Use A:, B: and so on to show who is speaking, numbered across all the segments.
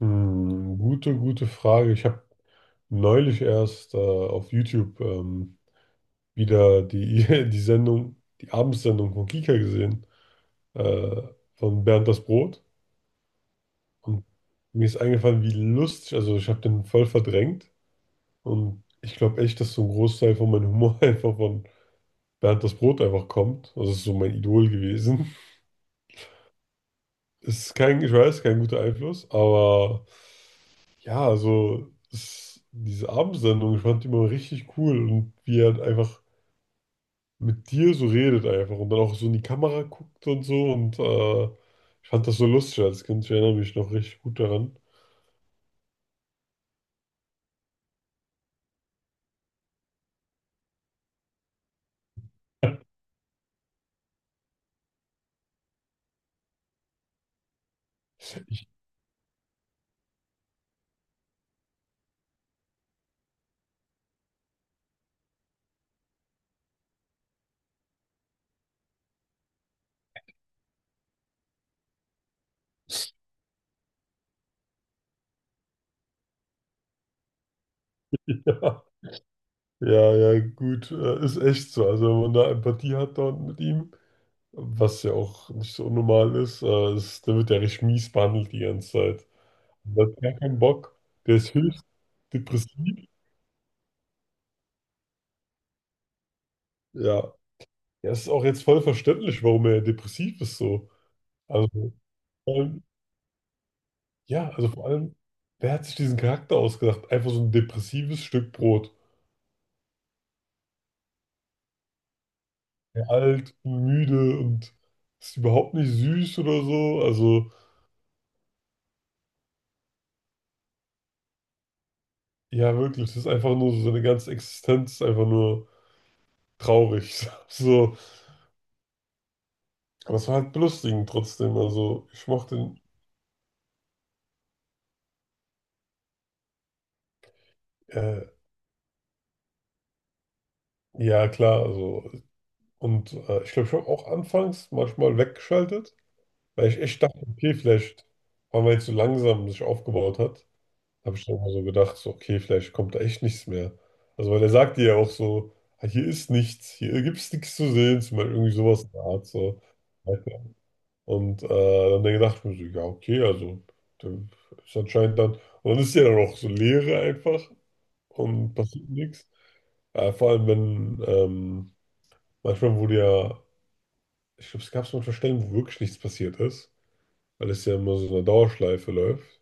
A: Hm, gute Frage. Ich habe neulich erst auf YouTube wieder die Sendung, die Abendsendung von Kika gesehen, äh, von Bernd das Brot. Und mir ist eingefallen, wie lustig, also ich habe den voll verdrängt. Und ich glaube echt, dass so ein Großteil von meinem Humor einfach von Bernd das Brot einfach kommt. Also das ist so mein Idol gewesen. Es ist kein, ich weiß, kein guter Einfluss, aber ja, also diese Abendsendung, ich fand die immer richtig cool und wie er halt einfach mit dir so redet einfach und dann auch so in die Kamera guckt und so und ich fand das so lustig als Kind, ich erinnere mich noch richtig gut daran. Ja, ja, ja, gut, ist echt so. Also wenn man da Empathie hat dann mit ihm. Was ja auch nicht so unnormal ist. Der wird ja richtig mies behandelt die ganze Zeit. Der hat gar keinen Bock. Der ist höchst depressiv. Ja. Ja, es ist auch jetzt voll verständlich, warum er depressiv ist so. Also, vor allem, ja, also vor allem, wer hat sich diesen Charakter ausgedacht? Einfach so ein depressives Stück Brot. Ja, alt und müde und ist überhaupt nicht süß oder so. Also, ja, wirklich, es ist einfach nur so, seine ganze Existenz ist einfach nur traurig. So. Aber es war halt belustigend trotzdem. Also ich mochte ihn, äh, ja klar, also und ich glaube, ich habe auch anfangs manchmal weggeschaltet, weil ich echt dachte, okay, vielleicht waren wir jetzt so langsam sich aufgebaut hat. Habe ich dann immer so gedacht, so, okay, vielleicht kommt da echt nichts mehr. Also weil er sagt dir ja auch so, ah, hier ist nichts, hier gibt es nichts zu sehen, zum Beispiel irgendwie sowas in der Art. So. Und dann gedacht, ich mir so, ja, okay, also dann ist anscheinend dann, und dann ist ja dann auch so Leere einfach und passiert nichts. Vor allem, wenn manchmal wurde ja, ich glaube, es gab so manchmal Stellen, wo wirklich nichts passiert ist, weil es ja immer so eine Dauerschleife läuft.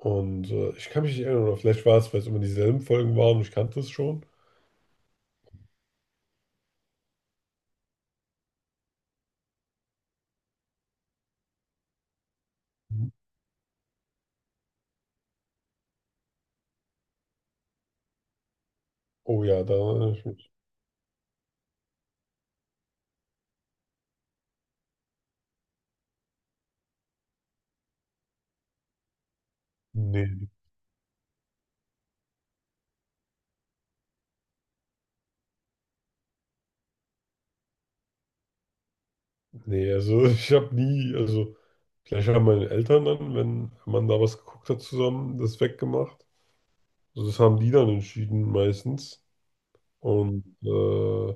A: Und ich kann mich nicht erinnern, oder vielleicht war es, weil es immer dieselben Folgen waren und ich kannte es schon. Mhm. Oh ja, da erinnere ich mich. Nee, Nee, also ich habe nie, also vielleicht haben meine Eltern dann, wenn man da was geguckt hat zusammen, das weggemacht. Also das haben die dann entschieden meistens. Und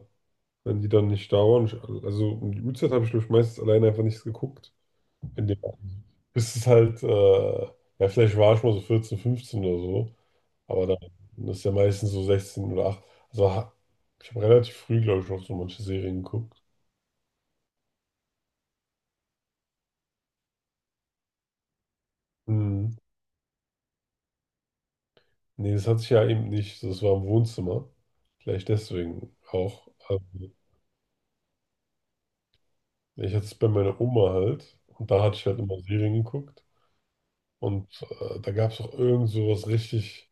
A: wenn die dann nicht da waren, ich, also um die Uhrzeit habe ich, glaube ich, meistens alleine einfach nichts geguckt. In dem, bis es halt, ja, vielleicht war ich mal so 14, 15 oder so, aber dann ist ja meistens so 16 oder 8. Also ich habe relativ früh, glaube ich, auch so manche Serien geguckt. Mhm. Nee, das hatte ich ja eben nicht. Das war im Wohnzimmer. Vielleicht deswegen auch. Ich hatte es bei meiner Oma halt. Und da hatte ich halt immer Serien geguckt. Und da gab es auch irgend so was richtig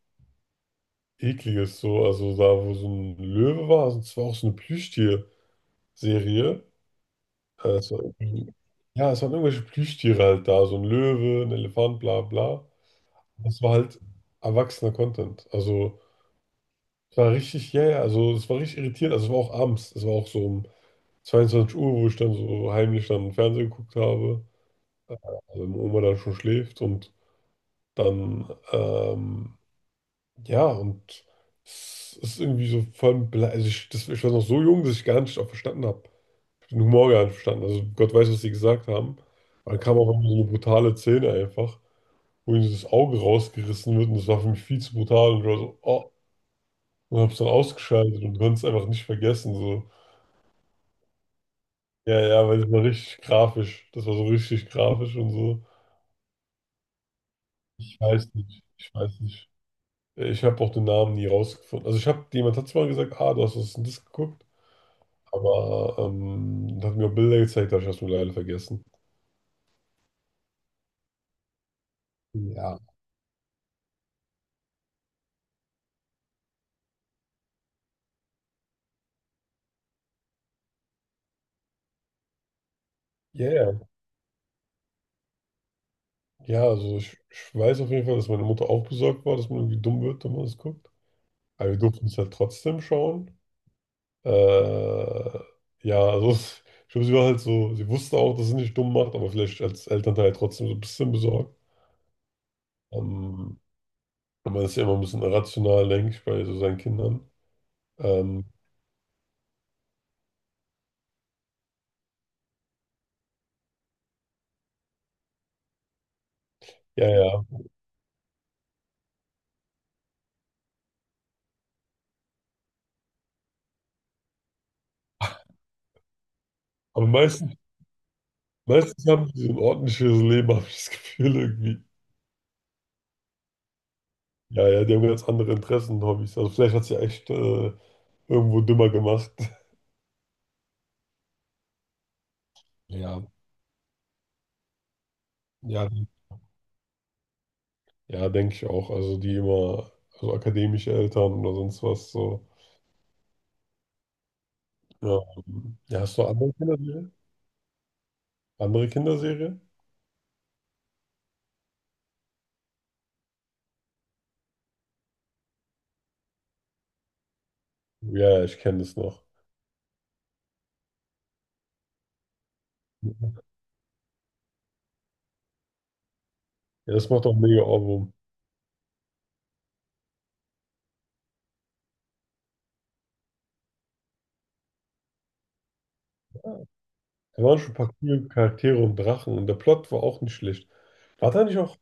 A: Ekliges. So. Also da, wo so ein Löwe war. Also es war auch so eine Plüschtier-Serie. Es war irgendwie, ja, es waren irgendwelche Plüschtiere halt da. So ein Löwe, ein Elefant, bla bla. Das war halt erwachsener Content. Also es war richtig, ja, ja. Also es war richtig irritierend. Also es war auch abends. Es war auch so um 22 Uhr, wo ich dann so heimlich dann Fernsehen geguckt habe, äh, wenn Oma dann schon schläft und dann, ja, und es ist irgendwie so voll, also ich, das, ich war noch so jung, dass ich gar nicht auch verstanden habe. Ich habe den Humor gar nicht verstanden. Also Gott weiß, was sie gesagt haben. Aber dann kam auch irgendwie so eine brutale Szene einfach, wo ihnen so das Auge rausgerissen wird und das war für mich viel zu brutal und ich war so, oh, und hab's dann ausgeschaltet und konnte es einfach nicht vergessen, so. Ja, ja, weil das war richtig grafisch. Das war so richtig grafisch und so. Ich weiß nicht. Ich weiß nicht. Ich habe auch den Namen nie rausgefunden. Also ich habe, jemand hat zwar gesagt, ah, du hast das und das geguckt, aber hat mir auch Bilder gezeigt, da habe ich das nur leider vergessen. Ja. Ja, ja. Ja, also ich weiß auf jeden Fall, dass meine Mutter auch besorgt war, dass man irgendwie dumm wird, wenn man das guckt. Aber wir durften es halt trotzdem schauen. Äh, ja, also ich glaube, sie war halt so, sie wusste auch, dass sie nicht dumm macht, aber vielleicht als Elternteil trotzdem so ein bisschen besorgt. Ähm, man ist ja immer ein bisschen irrational, denke ich, bei so seinen Kindern. Ähm, ja, ja. Aber meistens haben die so ein ordentliches Leben, habe ich das Gefühl irgendwie. Ja, ja, die haben ganz andere Interessen und Hobbys. Also vielleicht hat sie echt irgendwo dümmer gemacht. Ja, ja, ja, denke ich auch. Also die immer, also akademische Eltern oder sonst was so. Ja, ja, hast du andere Kinderserie? Andere Kinderserie? Ja, ja, ich kenne das noch. Ja, das macht auch mega Ohrwurm. Da waren schon ein paar coole Charaktere und Drachen und der Plot war auch nicht schlecht. War da nicht auch?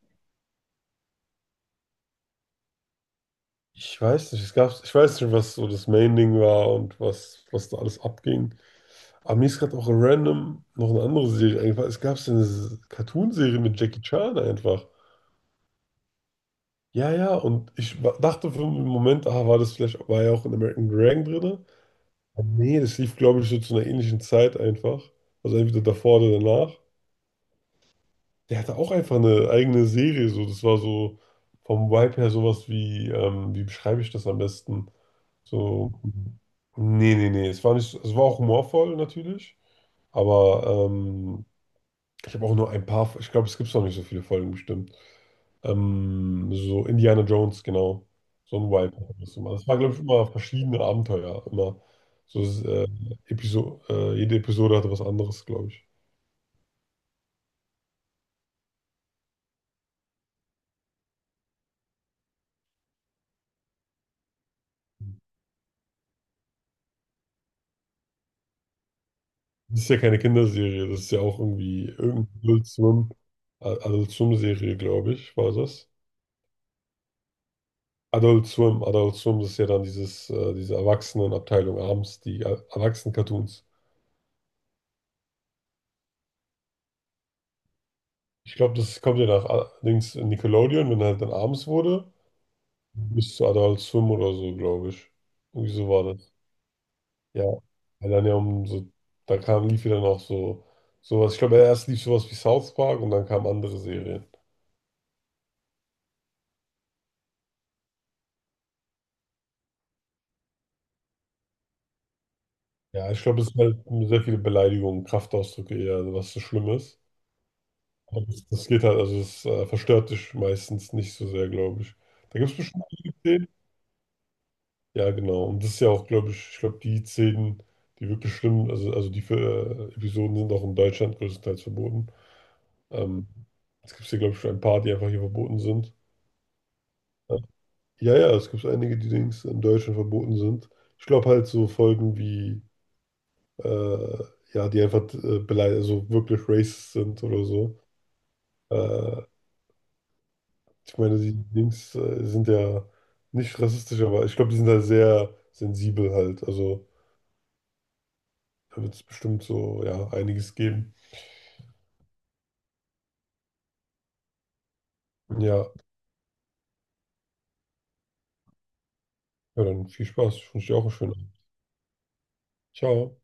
A: Ich weiß nicht, es gab, ich weiß nicht, was so das Main-Ding war und was, was da alles abging. Aber mir ist gerade auch random noch eine andere Serie eingefallen. Es gab so eine Cartoon-Serie mit Jackie Chan einfach. Ja, ja, und ich dachte für einen Moment, ah, war das vielleicht, war ja auch in American Dragon drin? Nee, das lief, glaube ich, so zu einer ähnlichen Zeit einfach. Also entweder davor oder danach. Der hatte auch einfach eine eigene Serie, so. Das war so vom Vibe her sowas wie, wie beschreibe ich das am besten? So. Nee, nee, nee, es war nicht, es war auch humorvoll natürlich, aber ich habe auch nur ein paar, ich glaube, es gibt noch nicht so viele Folgen bestimmt. So Indiana Jones, genau, so ein Vibe. Hat das immer. Das war, glaube ich, immer verschiedene Abenteuer, immer so Episo jede Episode hatte was anderes, glaube ich. Das ist ja keine Kinderserie, das ist ja auch irgendwie irgendeine Adult Swim-Serie, glaube ich, war das. Adult Swim, das ist ja dann dieses, diese Erwachsenenabteilung abends, die Erwachsenen-Cartoons. Ich glaube, das kommt ja nach links in Nickelodeon, wenn halt dann abends wurde, bis zu Adult Swim oder so, glaube ich. Irgendwie so war das. Ja. Weil dann ja um so, da kam, lief ja dann auch so sowas. Ich glaube, erst lief sowas wie South Park und dann kamen andere Serien. Ja, ich glaube, es sind halt sehr viele Beleidigungen, Kraftausdrücke eher, was so schlimm ist. Aber das, das geht halt, also es verstört dich meistens nicht so sehr, glaube ich. Da gibt es bestimmt einige Szenen. Ja, genau. Und das ist ja auch, glaube ich, ich glaube, die Szenen, die wirklich schlimm, also die Episoden sind auch in Deutschland größtenteils verboten. Ähm, es gibt ja, glaube ich, schon ein paar, die einfach hier verboten sind. Ja, ja, ja, es gibt einige, die Dings in Deutschland verboten sind. Ich glaube halt so Folgen wie, äh, ja, die einfach beleidigt, also wirklich racist sind oder so. Äh, Ich meine, die Dings sind ja nicht rassistisch, aber ich glaube, die sind da sehr sensibel halt. Also da wird es bestimmt so, ja, einiges geben. Ja, ja, dann viel Spaß. Ich wünsche dir auch einen schönen Abend. Ciao.